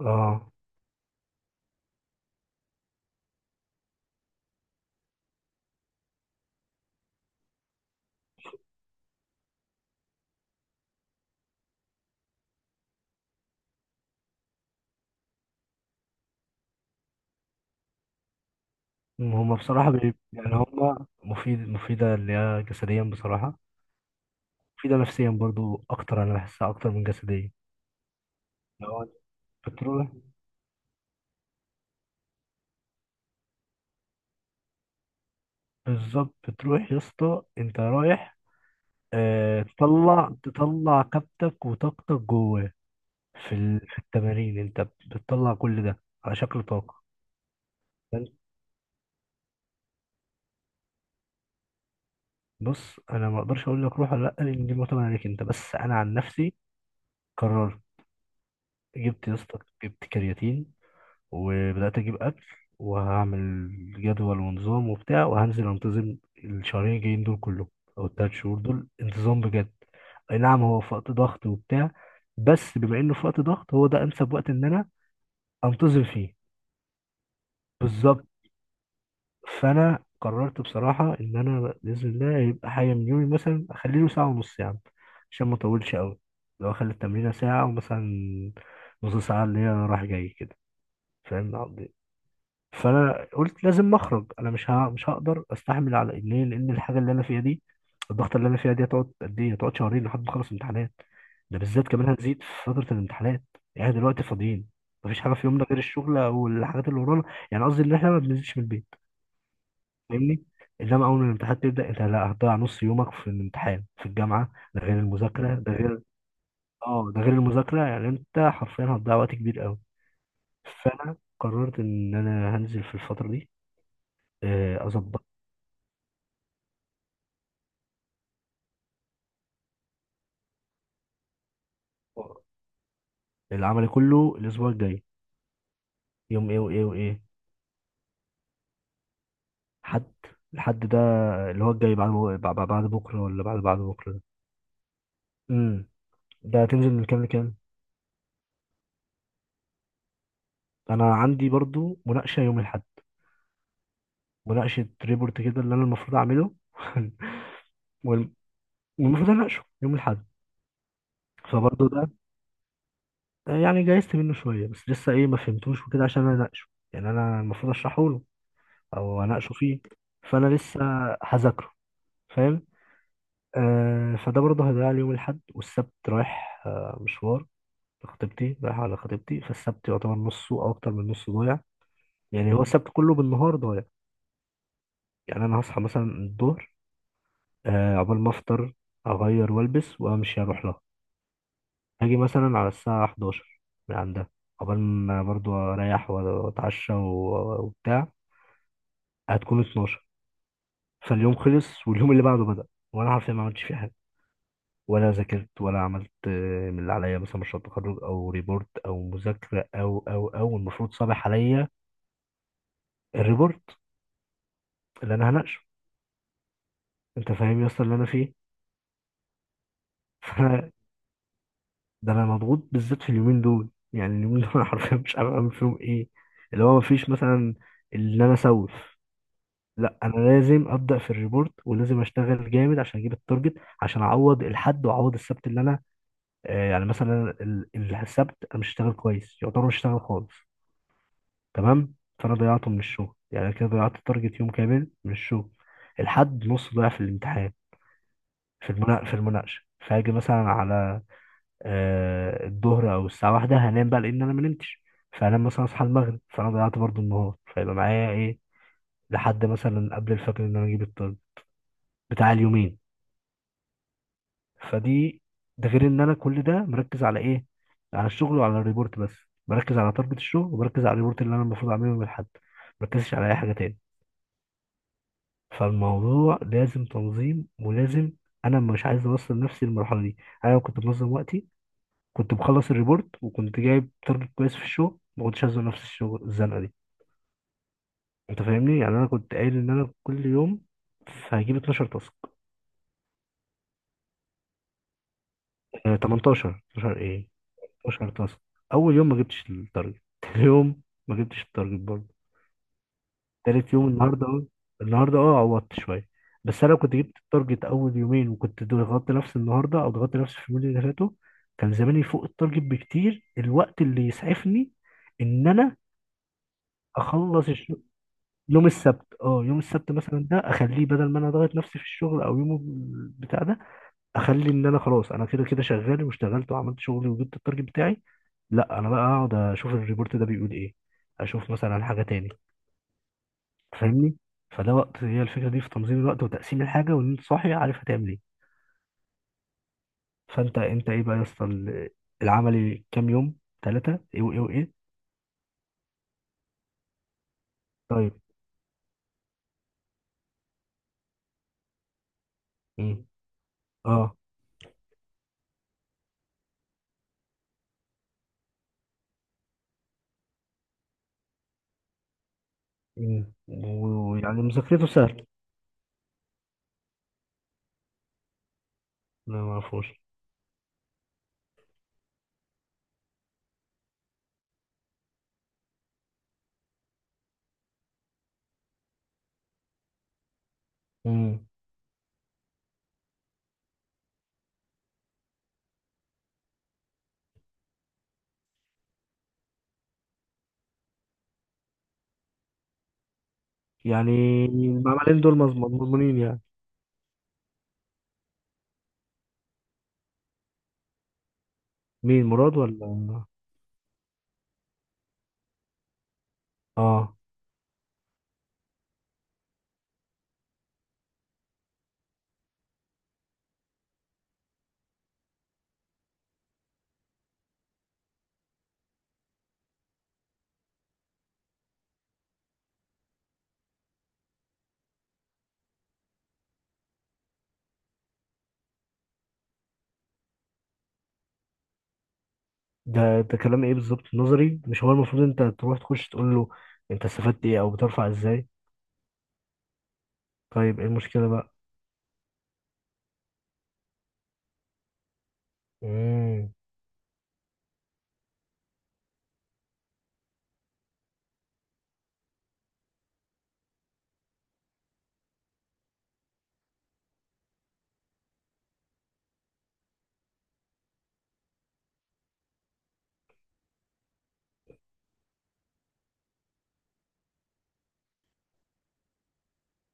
اه، هما بصراحة يعني هما مفيدة اللي هي جسديا بصراحة. مفيدة نفسيا برضو أكتر، أنا بحسها أكتر من جسديا. لو أنت بتروح بالظبط، بتروح يا اسطى أنت رايح. تطلع كبتك وطاقتك جواه. في التمارين أنت بتطلع كل ده على شكل طاقة. فأنت- بص، أنا ما أقدرش أقول لك روح ولا لأ، لأن دي معتمدة عليك أنت، بس أنا عن نفسي قررت. جبت يا اسطى، جبت كرياتين، وبدأت أجيب أكل، وهعمل جدول ونظام وبتاع، وهنزل أنتظم الشهرين الجايين دول كلهم، أو التلات شهور دول انتظام بجد. أي نعم، هو في وقت ضغط وبتاع، بس بما إنه في وقت ضغط، هو ده أنسب وقت إن أنا أنتظم فيه، بالظبط. فأنا قررت بصراحة إن أنا بإذن الله يبقى حاجة من يومي، مثلا أخلي له ساعة ونص يعني، عشان ما أطولش أوي. لو أخلي التمرينة ساعة، ومثلا نص ساعة اللي هي رايح جاي كده، فاهم. فانا قلت لازم اخرج، انا مش هقدر استحمل على إيه. ليه؟ لان الحاجه اللي انا فيها دي، الضغط اللي انا فيها دي هتقعد قد ايه؟ هتقعد شهرين لحد ما اخلص امتحانات، ده بالذات كمان هنزيد في فتره الامتحانات. يعني دلوقتي فاضيين، مفيش حاجه في يومنا غير الشغل والحاجات اللي ورانا، يعني قصدي ان احنا ما بننزلش من البيت، فاهمني. انما اول ما الامتحانات تبدا انت، لا، هتضيع نص يومك في الامتحان في الجامعه، ده غير المذاكره، ده غير المذاكره، يعني انت حرفيا هتضيع وقت كبير قوي. فانا قررت ان انا هنزل في الفتره دي، اظبط. العمل كله الاسبوع الجاي، يوم ايه وايه وايه؟ حد الحد ده اللي هو الجاي بعد بعد بعد بكره ولا بعد بعد بكره ده؟ امم ده هتنزل من كام لكام؟ انا عندي برضو مناقشه يوم الاحد، مناقشه ريبورت كده اللي انا المفروض اعمله وال- والمفروض اناقشه يوم الاحد. فبرضه ده يعني جايزت منه شويه، بس لسه ايه، ما فهمتوش وكده، عشان انا اناقشه، يعني انا المفروض اشرحه له او اناقشه فيه، فانا لسه هذاكره، فاهم. فده برضه هيضيع لي يوم الأحد، والسبت رايح مشوار لخطيبتي، رايح على خطيبتي، فالسبت يعتبر نصه أو أكتر من نصه ضايع، يعني هو السبت كله بالنهار ضايع. يعني أنا هصحى مثلا الظهر، عقبال ما أفطر، أغير وألبس وأمشي أروح لها، هاجي مثلا على الساعة 11 من عندها، عقبال ما برضه أريح وأتعشى وبتاع، هتكون 12، فاليوم خلص واليوم اللي بعده بدأ، وأنا عارف إني ما عملتش فيه حاجة، ولا ذاكرت ولا عملت، من اللي عليا مثلا مشروع تخرج، او ريبورت، او مذاكره، او المفروض صابح عليا الريبورت اللي انا هناقشه. انت فاهم يا اسطى اللي انا فيه؟ فانا ده انا مضغوط بالذات في اليومين دول، يعني اليومين دول انا حرفيا مش عارف اعمل فيهم ايه. اللي هو مفيش مثلا ان انا اسوف، لا، انا لازم ابدا في الريبورت ولازم اشتغل جامد عشان اجيب التارجت، عشان اعوض الحد واعوض السبت اللي انا، يعني مثلا السبت انا مش هشتغل كويس، يعتبر مش هشتغل خالص، تمام. فانا ضيعته من الشغل، يعني كده ضيعت تارجت يوم كامل من الشغل. الحد نص ضيع في الامتحان، في المناقشه، فاجي مثلا على الظهر او الساعه واحدة، هنام بقى لان انا ما نمتش، فانام مثلا اصحى المغرب، فانا ضيعت برضو النهار، فيبقى معايا ايه لحد مثلا قبل الفجر ان انا اجيب الطالب بتاع اليومين، فدي. ده غير ان انا كل ده مركز على ايه، على الشغل وعلى الريبورت، بس بركز على تارجت الشغل وبركز على الريبورت اللي انا المفروض اعمله من الحد، مركزش على اي حاجه تاني. فالموضوع لازم تنظيم، ولازم، انا مش عايز اوصل نفسي للمرحله دي. انا لو كنت منظم وقتي كنت مخلص الريبورت، وكنت جايب تارجت كويس في الشغل، ما كنتش هزنق نفس الشغل الزنقه دي. انت فاهمني؟ يعني انا كنت قايل ان انا كل يوم هجيب 12 تاسك، 18، 12، ايه، 12 تاسك. اول يوم ما جبتش التارجت، تاني يوم ما جبتش التارجت برضه، تالت يوم النهارده، النهارده عوضت شويه. بس انا لو كنت جبت التارجت اول يومين، وكنت ضغطت نفسي النهارده او ضغطت نفسي في اليومين اللي فاتوا، كان زماني فوق التارجت بكتير، الوقت اللي يسعفني ان انا اخلص الشغل. يوم السبت، يوم السبت مثلا ده اخليه، بدل ما انا ضغط نفسي في الشغل او يوم بتاع ده، اخلي ان انا خلاص، انا كده كده شغال واشتغلت وعملت شغلي وجبت التارجت بتاعي، لا، انا بقى اقعد اشوف الريبورت ده بيقول ايه، اشوف مثلا حاجه تاني، فاهمني. فده وقت، هي الفكره دي في تنظيم الوقت وتقسيم الحاجه، وان انت صاحي عارف هتعمل ايه. فانت ايه بقى يا اسطى، العملي كام يوم؟ ثلاثه، ايه وايه وايه؟ طيب. امم. اه. امم. ويعني مذاكرته سهل؟ لا، ما اعرفوش. امم يعني المعملين دول مضمونين يعني؟ مين، مراد ولا؟ اه. ده كلام ايه بالظبط؟ نظري، مش هو المفروض انت تروح تخش تقول له انت استفدت ايه او بترفع ازاي؟ طيب، ايه المشكله بقى؟ امم.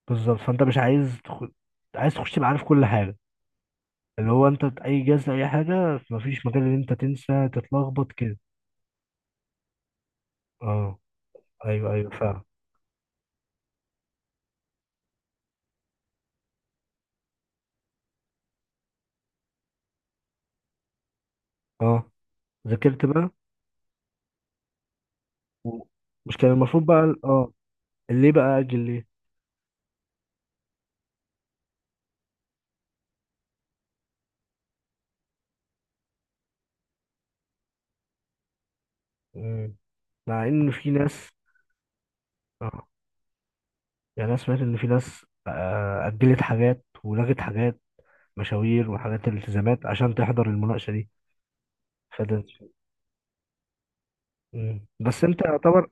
بالظبط، فانت مش عايز تخش تبقى عارف كل حاجه، اللي هو انت اي جهاز اي حاجه مفيش مجال ان انت تنسى تتلخبط كده. اه. ايوه ايوه، فعلا. اه، ذاكرت بقى؟ و- مش كان المفروض بقى، ليه بقى اجل ليه؟ مم. مع ان في ناس. اه يعني انا سمعت ان في ناس اجلت حاجات ولغت حاجات، مشاوير وحاجات الالتزامات عشان تحضر المناقشه دي، فده. مم. بس انت طبعا.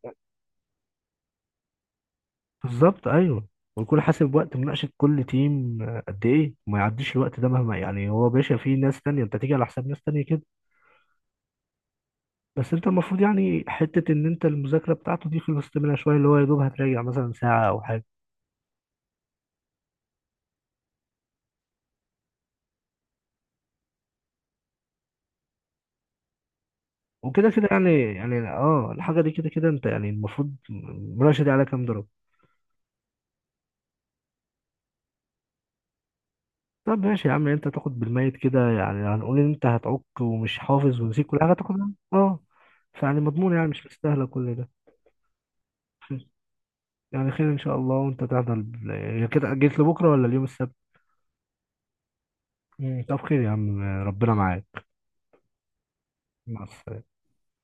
بالظبط، ايوه. ويكون حاسب وقت مناقشه كل تيم، قد ايه ما يعديش الوقت ده مهما، يعني هو باشا في ناس تانية، انت تيجي على حساب ناس تانية كده. بس انت المفروض، يعني حته ان انت المذاكره بتاعته دي خلصت منها شويه، اللي هو يا دوب هتراجع مثلا ساعه او حاجه. وكده كده، يعني الحاجه دي كده كده، انت يعني المفروض المناقشه دي على كام درجه؟ طب ماشي يا عم، انت تاخد بالميت كده، يعني هنقول ان انت هتعك ومش حافظ ونسيت كل حاجه، تاخدها اه. فيعني مضمون؟ يعني مش مستاهله كل ده. يعني خير ان شاء الله، وانت تحضر كده، جيت لبكره ولا اليوم السبت؟ مم. طب خير يا عم، ربنا معاك. مع السلامه.